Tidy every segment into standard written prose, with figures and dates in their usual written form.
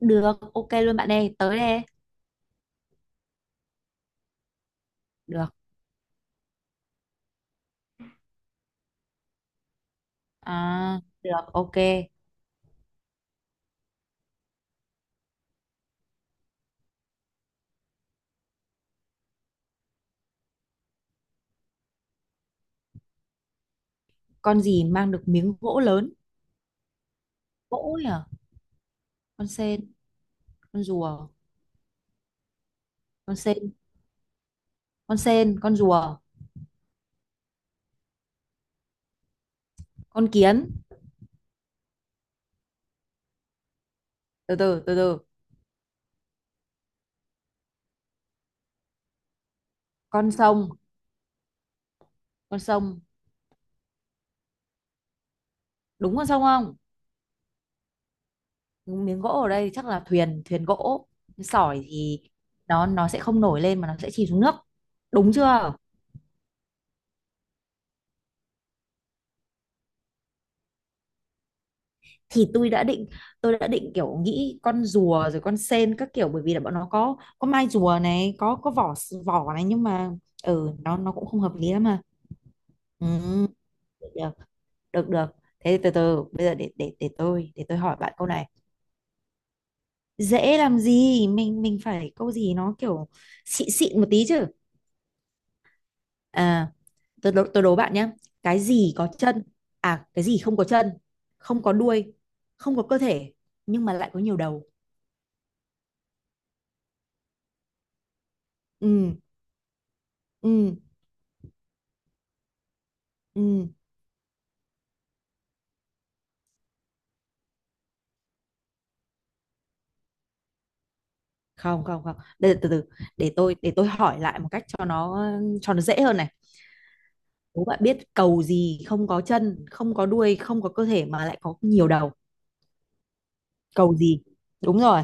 Được, ok luôn bạn ơi, tới đây. Được, à, được, ok. Con gì mang được miếng gỗ lớn? Gỗ nhỉ? Con sên, con rùa, con sên, con sên, con rùa, con kiến. Từ từ, từ từ. Con sông, con sông. Đúng con sông không? Miếng gỗ ở đây chắc là thuyền, thuyền gỗ. Sỏi thì nó sẽ không nổi lên mà nó sẽ chìm xuống nước. Đúng chưa? Thì tôi đã định kiểu nghĩ con rùa rồi con sên các kiểu, bởi vì là bọn nó có mai rùa này, có vỏ vỏ này, nhưng mà ừ nó cũng không hợp lý lắm mà. Ừ, được được được thế từ từ, bây giờ để tôi hỏi bạn câu này. Dễ làm gì, mình phải câu gì nó kiểu xịn xịn một tí chứ. À, tôi đố bạn nhé. Cái gì có chân, à cái gì không có chân, không có đuôi, không có cơ thể, nhưng mà lại có nhiều đầu. Ừ. Ừ. Ừ, không không không, để từ từ, để tôi hỏi lại một cách cho nó dễ hơn này. Đố bạn biết cầu gì không có chân, không có đuôi, không có cơ thể, mà lại có nhiều đầu. Cầu gì? Đúng rồi.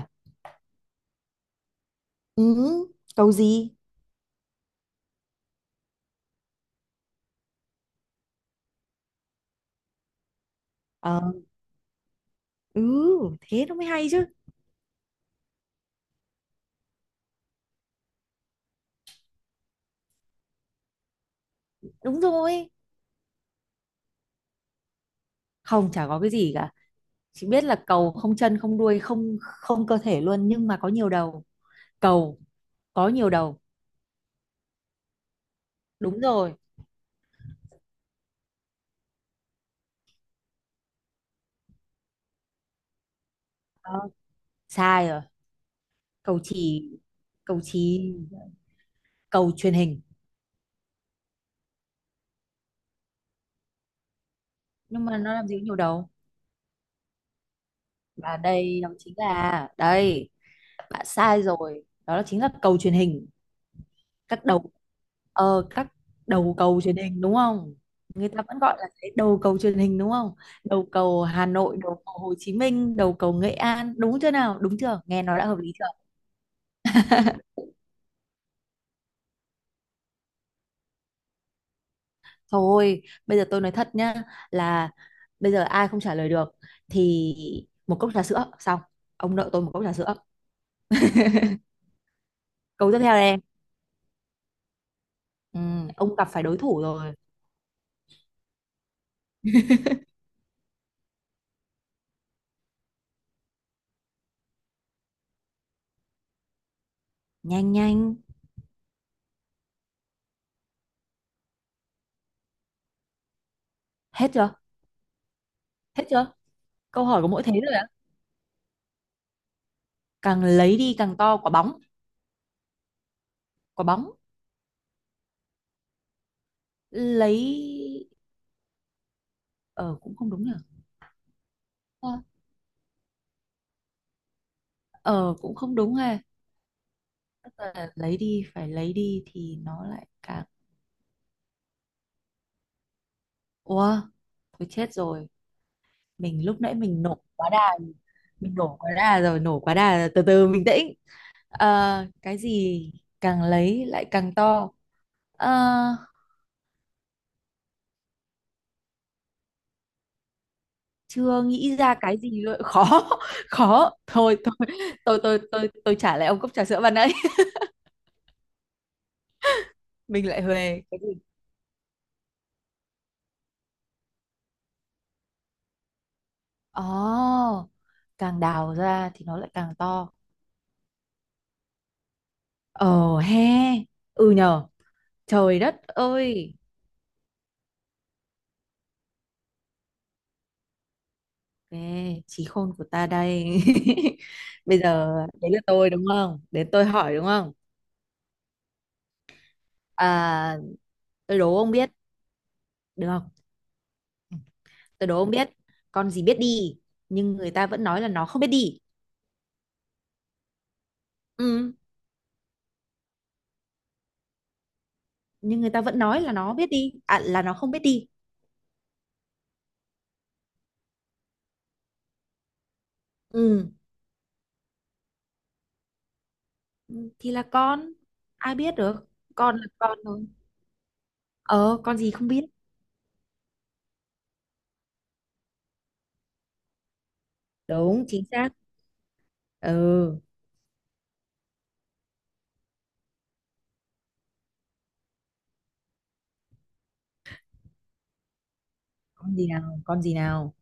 Ừ, cầu gì. Ờ, ừ thế nó mới hay chứ. Đúng rồi. Không, chả có cái gì cả, chỉ biết là cầu không chân, không đuôi, không không cơ thể luôn, nhưng mà có nhiều đầu. Cầu có nhiều đầu. Đúng rồi. Ờ, sai rồi. Cầu chì. Cầu chì. Cầu truyền hình. Nhưng mà nó làm gì có nhiều đầu. Và đây, nó chính là đây, bạn sai rồi, đó là chính là cầu truyền hình. Các đầu, ờ các đầu cầu truyền hình đúng không, người ta vẫn gọi là cái đầu cầu truyền hình đúng không. Đầu cầu Hà Nội, đầu cầu Hồ Chí Minh, đầu cầu Nghệ An, đúng chưa nào, đúng chưa, nghe nó đã hợp lý chưa? Thôi, bây giờ tôi nói thật nhá, là bây giờ ai không trả lời được thì một cốc trà sữa. Xong, ông nợ tôi một cốc trà sữa. Câu tiếp theo đây em. Ừ, ông gặp phải đối thủ rồi. Nhanh nhanh. Hết chưa? Hết chưa? Câu hỏi có mỗi thế thôi ạ. Càng lấy đi càng to. Quả bóng. Quả bóng. Lấy, ờ cũng không đúng nhỉ. Ờ. Ờ, cũng không đúng ha. Tức là lấy đi, phải lấy đi thì nó lại càng. Ủa, thôi chết rồi, mình lúc nãy mình nổ quá đà. Mình nổ quá đà rồi, nổ quá đà, từ từ bình tĩnh. Ờ, cái gì càng lấy lại càng to. Ờ, chưa nghĩ ra cái gì luôn, khó. Khó, thôi thôi, tôi trả lại ông cốc trà sữa ban nãy. Mình lại huề. Cái gì? Oh, càng đào ra thì nó lại càng to. Ồ he, ừ nhờ, trời đất ơi. Ê, trí khôn của ta đây. Bây giờ, đấy là tôi đúng không, đến tôi hỏi đúng không. À, tôi đố ông biết, được không? Ừ, tôi đố ông biết. Con gì biết đi nhưng người ta vẫn nói là nó không biết đi. Ừ. Nhưng người ta vẫn nói là nó biết đi, à, là nó không biết đi. Ừ. Ừ, thì là con. Ai biết được. Con là con thôi. Ờ, con gì không biết. Đúng chính xác. Ừ. Con gì nào, con gì nào.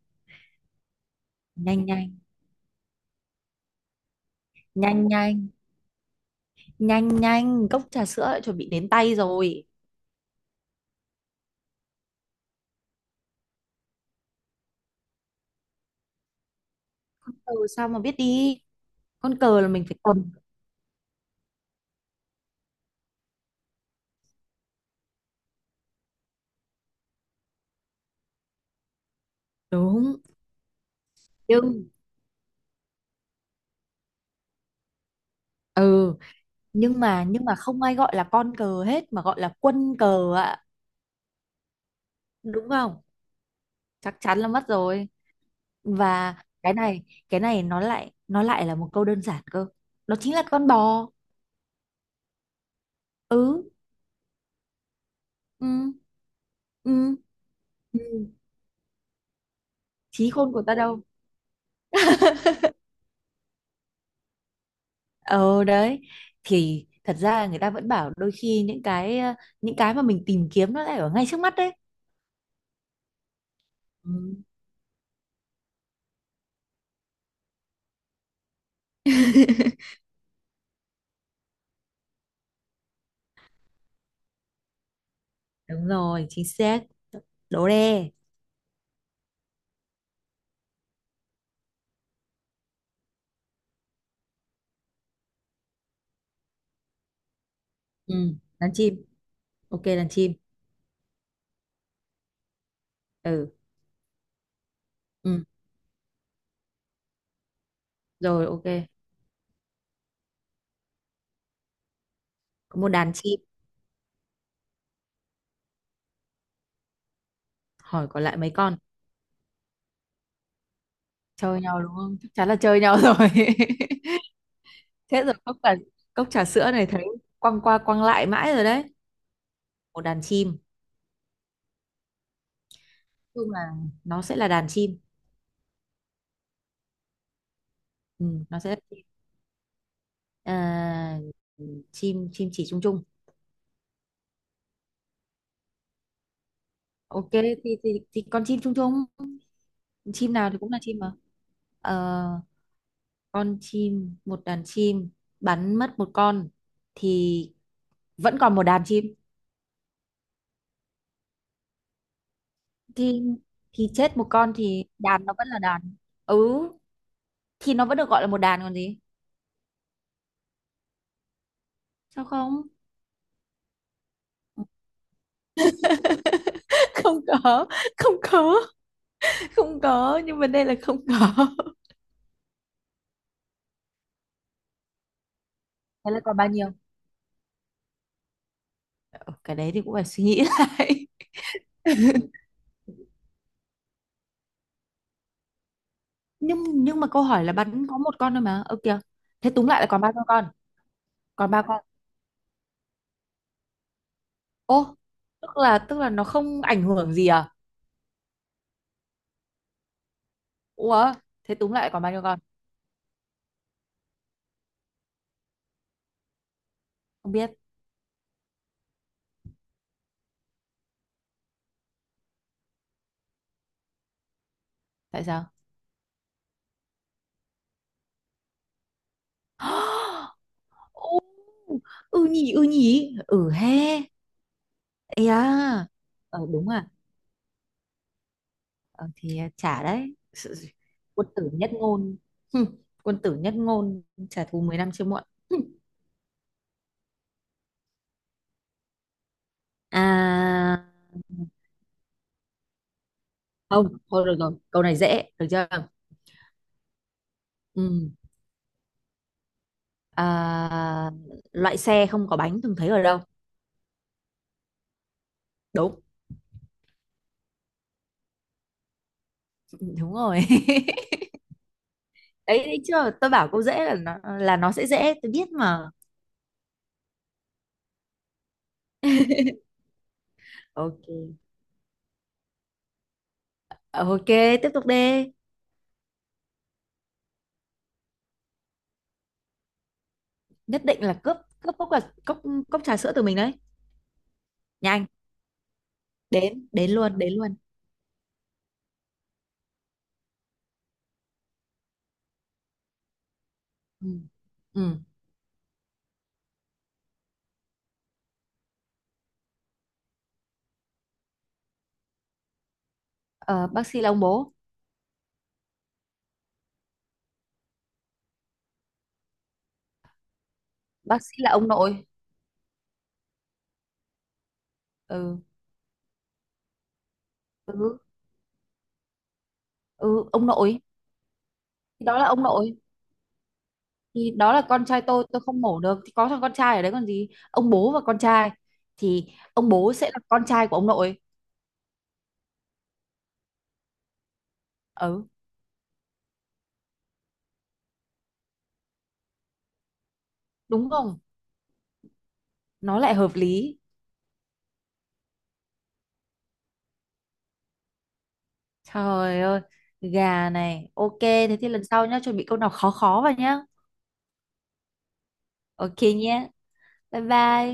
Nhanh nhanh. Nhanh nhanh, nhanh nhanh, cốc trà sữa đã chuẩn bị đến tay rồi. Con cờ sao mà biết đi. Con cờ là mình phải cầm. Đúng. Nhưng. Ừ. Nhưng mà, nhưng mà không ai gọi là con cờ hết, mà gọi là quân cờ ạ. Đúng không? Chắc chắn là mất rồi. Và cái này cái này nó lại là một câu đơn giản cơ. Nó chính là con bò. Ừ. Ừ. Ừ. Ừ, trí khôn của ta đâu. Ờ đấy. Thì thật ra người ta vẫn bảo đôi khi những cái mà mình tìm kiếm nó lại ở ngay trước mắt đấy. Ừ, đúng rồi, chính xác. Đố đe. Ừ, đàn chim. Ok, đàn chim. Ừ. Ừ. Rồi, ok. Có một đàn chim. Hỏi còn lại mấy con. Chơi nhau đúng không, chắc chắn là chơi nhau rồi. Thế rồi, cốc trà sữa này thấy quăng qua quăng lại mãi rồi đấy. Một đàn chim. Nói chung là nó sẽ là đàn chim. Ừ, nó sẽ là chim. À, chim, chim chỉ chung chung. Ok, thì con chim chung chung. Chim nào thì cũng là chim mà. Ờ, con chim, một đàn chim bắn mất một con thì vẫn còn một đàn chim. thì thì chết một con thì đàn nó vẫn là đàn. Ừ, thì nó vẫn được gọi là một đàn còn gì. Sao không. Không có, không có. Không có, nhưng vấn đề là không có. Thế là còn bao nhiêu? Ờ, cái đấy thì cũng phải suy nghĩ lại. Nhưng mà câu hỏi là bắn có một con thôi mà. Ơ kìa. Thế túm lại là còn ba con? Còn ba con. Ô, tức là nó không ảnh hưởng gì à? Ủa, thế túm lại còn bao nhiêu con? Không biết. Tại sao? Ừ nhỉ, ừ nhỉ, ừ he. Ê da. Ờ đúng à. Ờ, thì à, trả đấy. Sự- quân tử nhất ngôn. Hừ, quân tử nhất ngôn. Trả thù 10 năm chưa muộn. Hừ. À, không thôi, được rồi, câu này dễ được chưa. Ừ. À, loại xe không có bánh thường thấy ở đâu. Đúng. Ừ, đúng rồi. Đấy, đấy chưa, tôi bảo câu dễ là nó sẽ dễ, tôi biết mà. Ok, ok, tiếp tục đi. Nhất định là cướp. Cướp cốc là cốc cốc trà sữa từ mình đấy. Nhanh. Đến đến luôn, đến luôn. Ừ. Ừ. Ờ, bác sĩ là ông bố. Bác sĩ là ông nội. Ừ. Ừ, ừ ông nội. Thì đó là ông nội. Thì đó là con trai tôi không mổ được thì có thằng con trai ở đấy còn gì, ông bố và con trai. Thì ông bố sẽ là con trai của ông nội. Ừ. Đúng không? Nó lại hợp lý. Trời ơi, gà này. Ok, thế thì lần sau nhá, chuẩn bị câu nào khó khó vào nhá. Ok nhé. Bye bye.